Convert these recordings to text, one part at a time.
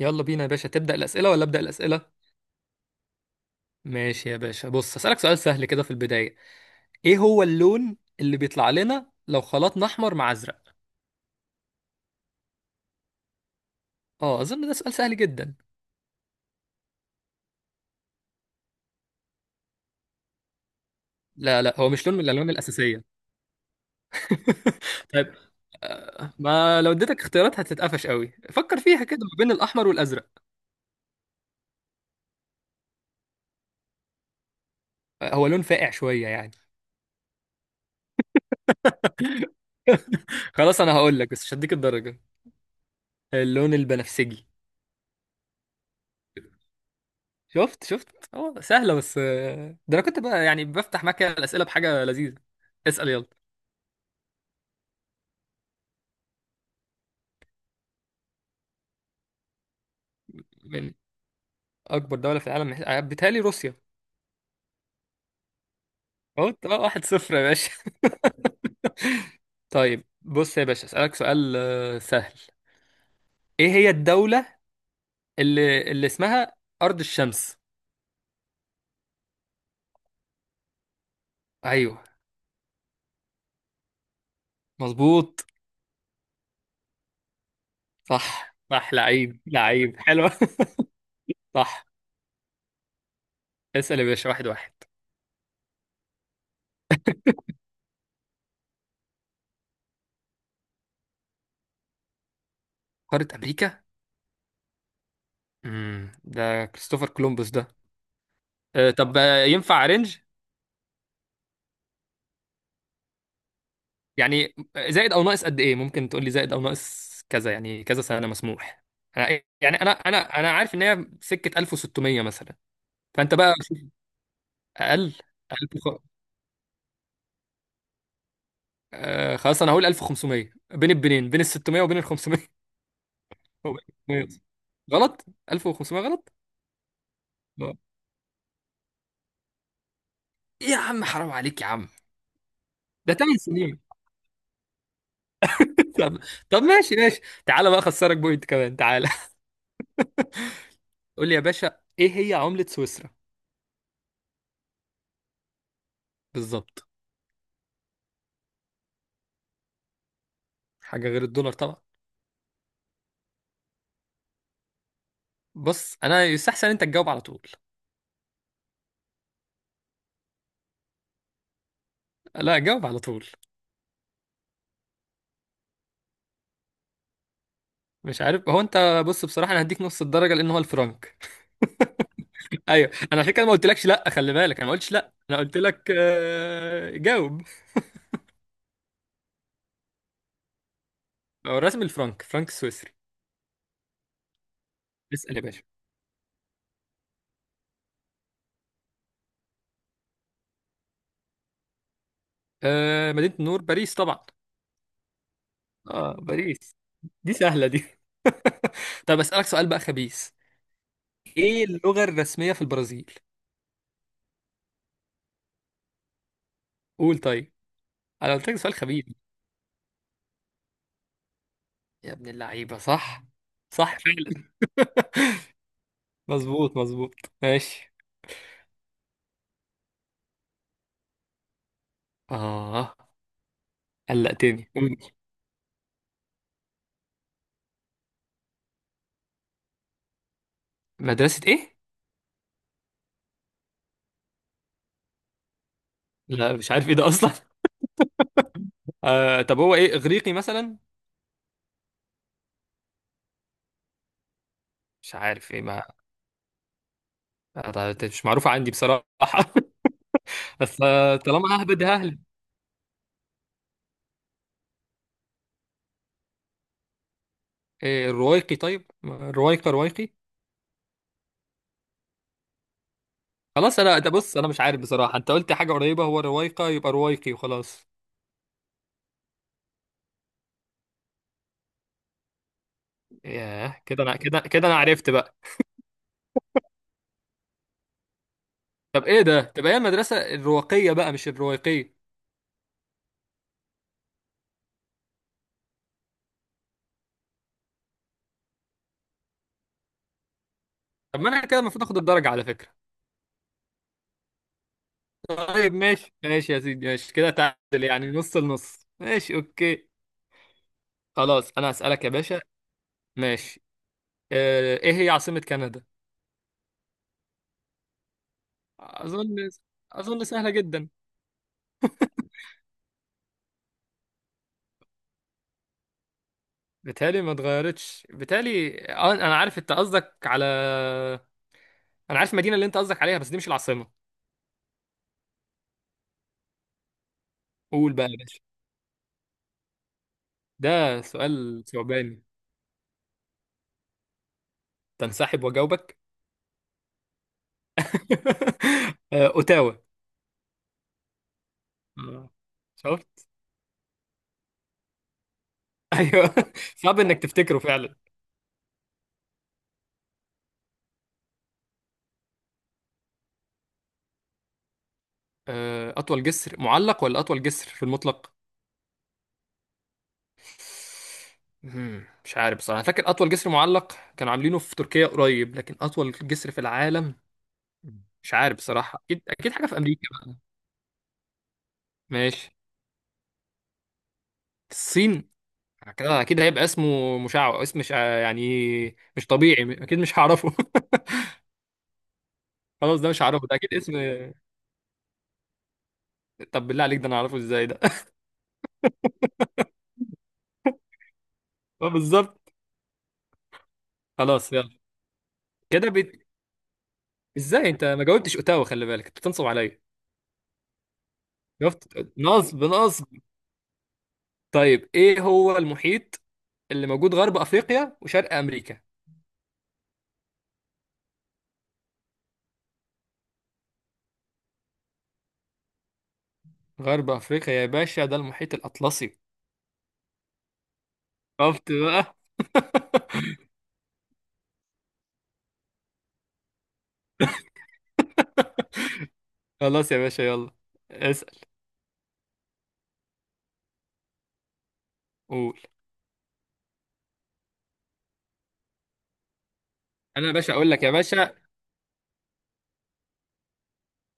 يلا بينا يا باشا، تبدأ الأسئلة ولا أبدأ الأسئلة؟ ماشي يا باشا، بص هسألك سؤال سهل كده في البداية. إيه هو اللون اللي بيطلع لنا لو خلطنا أحمر مع أزرق؟ آه، أظن ده سؤال سهل جدا. لا لا، هو مش لون من الألوان الأساسية. طيب. آه، ما لو اديتك اختيارات هتتقفش قوي، فكر فيها كده ما بين الأحمر والأزرق. آه، هو لون فاقع شوية يعني. خلاص أنا هقول لك، بس مش هديك الدرجة. اللون البنفسجي. شفت شفت. اه سهلة، بس ده انا كنت بقى يعني بفتح معاك الأسئلة بحاجة لذيذة. اسأل يلا. من أكبر دولة في العالم بيتهيألي روسيا. اه، 1-0 يا باشا. طيب بص يا باشا، أسألك سؤال سهل. ايه هي الدولة اللي اسمها أرض الشمس؟ ايوه مظبوط. صح صح، لعيب لعيب، حلو. صح. اسأل يا باشا، واحد واحد. قارة أمريكا. ده كريستوفر كولومبوس ده. آه، طب ينفع رينج؟ يعني زائد او ناقص قد ايه؟ ممكن تقول لي زائد او ناقص كذا، يعني كذا سنه مسموح. انا يعني انا عارف ان هي سكه 1600 مثلا، فانت بقى شوف. اقل. 1000 خلاص انا هقول 1500، بين البنين بين ال 600 وبين ال 500 وبين ال 600. غلط. 1500 غلط. آه. ايه يا عم؟ حرام عليك يا عم، ده 8 سنين. طب، طب ماشي ماشي. تعالى بقى اخسرك بوينت كمان، تعالى. قول لي يا باشا، ايه هي عمله سويسرا؟ بالظبط. حاجه غير الدولار طبعا. بص انا يستحسن انت تجاوب على طول. لا، جاوب على طول. مش عارف هو انت، بص بصراحه انا هديك نص الدرجه لان هو الفرنك. ايوه، انا عشان كده ما قلتلكش لا، خلي بالك انا ما قلتش لا، انا قلت لك جاوب. هو الرسم الفرنك، فرنك السويسري. اسال يا باشا. مدينه النور باريس طبعا. اه، باريس. دي سهله دي. طب اسالك سؤال بقى خبيث. ايه اللغه الرسميه في البرازيل؟ قول طيب، انا قلت لك سؤال خبيث. يا ابن اللعيبه، صح. صح فعلا. مظبوط مظبوط. ماشي. اه قلقتني. مدرسة ايه؟ لا مش عارف ايه ده اصلا. آه طب، هو ايه اغريقي مثلا؟ مش عارف ايه ما. آه، مش معروفة عندي بصراحة. بس طالما ههبد ههبد. إيه الروايقي طيب؟ روايقة روايقي. خلاص، انا ده بص انا مش عارف بصراحة، انت قلت حاجة قريبة، هو روايقة يبقى روايقي وخلاص. ياه، كده انا كده كده انا عرفت بقى. طب ايه ده؟ تبقى هي المدرسة الرواقية بقى مش الروايقية. طب ما انا كده المفروض اخد الدرجة على فكرة. طيب ماشي ماشي يا سيدي، ماشي كده تعادل يعني، نص لنص، ماشي اوكي. خلاص انا هسألك يا باشا. ماشي. آه، ايه هي عاصمة كندا؟ اظن. اظن سهلة جدا. بتهيألي ما اتغيرتش، بتهيألي انا عارف انت قصدك على. انا عارف المدينة اللي انت قصدك عليها، بس دي مش العاصمة. قول بقى يا باشا. ده سؤال ثعباني. تنسحب واجاوبك؟ آه، اوتاوا. آه، شفت. ايوه، صعب انك تفتكره فعلا. آه، أطول جسر معلق ولا أطول جسر في المطلق؟ مش عارف بصراحة، أنا فاكر أطول جسر معلق كانوا عاملينه في تركيا قريب، لكن أطول جسر في العالم مش عارف بصراحة. أكيد أكيد حاجة في أمريكا بقى. ماشي. الصين. كده أكيد هيبقى اسمه مشعوذ، اسم مش يعني مش طبيعي، أكيد مش هعرفه. خلاص، ده مش هعرفه، ده أكيد اسم. طب بالله عليك، ده أنا هعرفه إزاي ده؟ اه بالظبط. خلاص يلا. كده إزاي أنت ما جاوبتش أوتاوا؟ خلي بالك أنت بتنصب عليا. شفت. نصب نصب. طيب ايه هو المحيط اللي موجود غرب افريقيا وشرق امريكا؟ غرب افريقيا يا باشا، ده المحيط الاطلسي. شفت بقى. خلاص يا باشا، يلا اسأل. قول. انا يا باشا اقول لك يا باشا،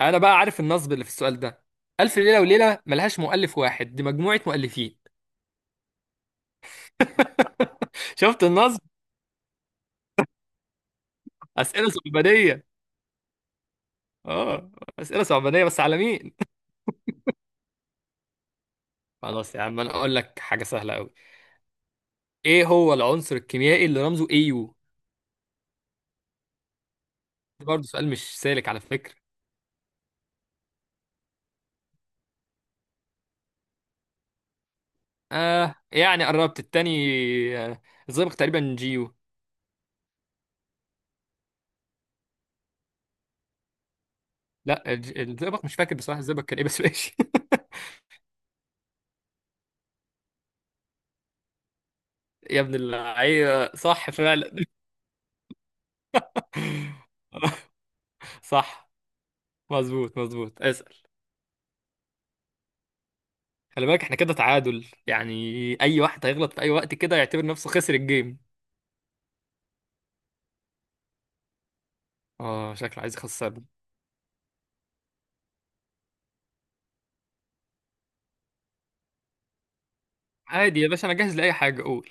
انا بقى عارف النصب اللي في السؤال ده. الف ليلة وليلة ملهاش مؤلف واحد، دي مجموعة مؤلفين. شفت النصب. اسئلة صعبانية. اه، اسئلة صعبانية بس على مين؟ خلاص يا عم، انا اقول لك حاجة سهلة قوي. ايه هو العنصر الكيميائي اللي رمزه AU؟ برضه سؤال مش سالك على فكرة. آه يعني قربت، التاني آه. الزئبق تقريبا جيو. لا الزئبق مش فاكر بصراحة الزئبق كان ايه، بس ماشي. يا ابن اللعيبة، صح فعلا. صح. مظبوط مظبوط. اسأل. خلي بالك، احنا كده تعادل يعني. اي واحد هيغلط في اي وقت كده يعتبر نفسه خسر الجيم. اه، شكله عايز يخسرني. عادي يا باشا، انا جاهز لأي حاجة، قول.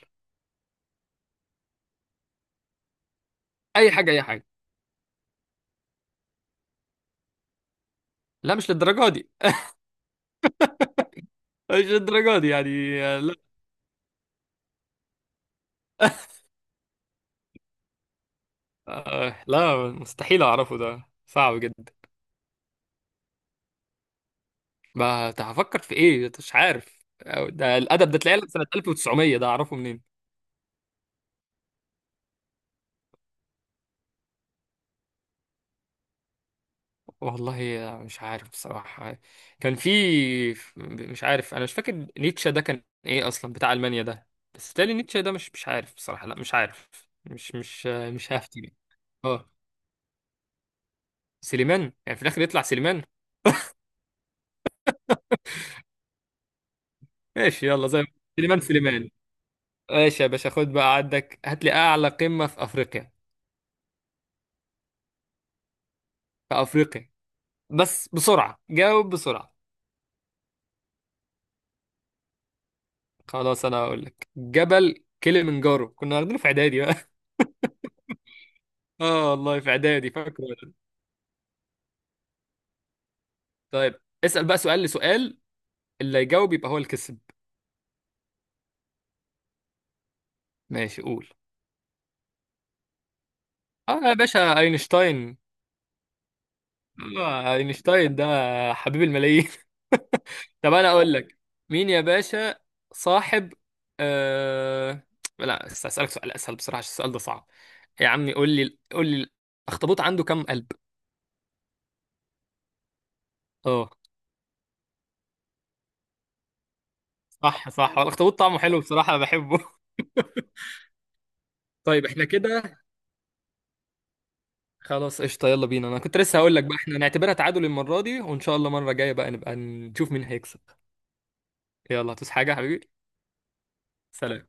اي حاجة اي حاجة. لا مش للدرجة دي. مش للدرجة دي يعني، آه، لا. آه لا، مستحيل اعرفه، ده صعب جدا. ما ت- هفكر في ايه؟ مش عارف. أو ده الادب ده تلاقيه سنه 1900، ده اعرفه منين؟ والله مش عارف بصراحه. كان في. مش عارف، انا مش فاكر نيتشه ده كان ايه اصلا، بتاع المانيا ده. بس تالي نيتشه ده مش عارف بصراحه، لا مش عارف. مش هفتي. اه سليمان، يعني في الاخر يطلع سليمان. ماشي يلا زي ما- سليمان سليمان. ماشي يا باشا، خد بقى عندك، هات لي اعلى قمه في افريقيا. في افريقيا، بس بسرعة، جاوب بسرعة. خلاص أنا هقول لك، جبل كليمنجارو، كنا واخدينه في إعدادي بقى. آه والله في إعدادي فاكره. طيب اسأل بقى سؤال لسؤال، اللي يجاوب يبقى هو اللي كسب. ماشي قول. آه يا باشا، أينشتاين. آه أينشتاين، ده حبيب الملايين. طب أنا أقول لك. مين يا باشا صاحب آه... لا، أسألك سؤال أسهل بصراحة، عشان السؤال ده صعب. يا عمي قول لي قول لي، الأخطبوط عنده كام قلب؟ اه صح صح، الاخطبوط طعمه حلو بصراحة انا بحبه. طيب احنا كده. خلاص قشطة، يلا بينا. انا كنت لسه هقول لك بقى احنا نعتبرها تعادل المرة دي، وان شاء الله المرة الجاية بقى نبقى نشوف مين هيكسب. يلا هتوس حاجة يا حبيبي. سلام.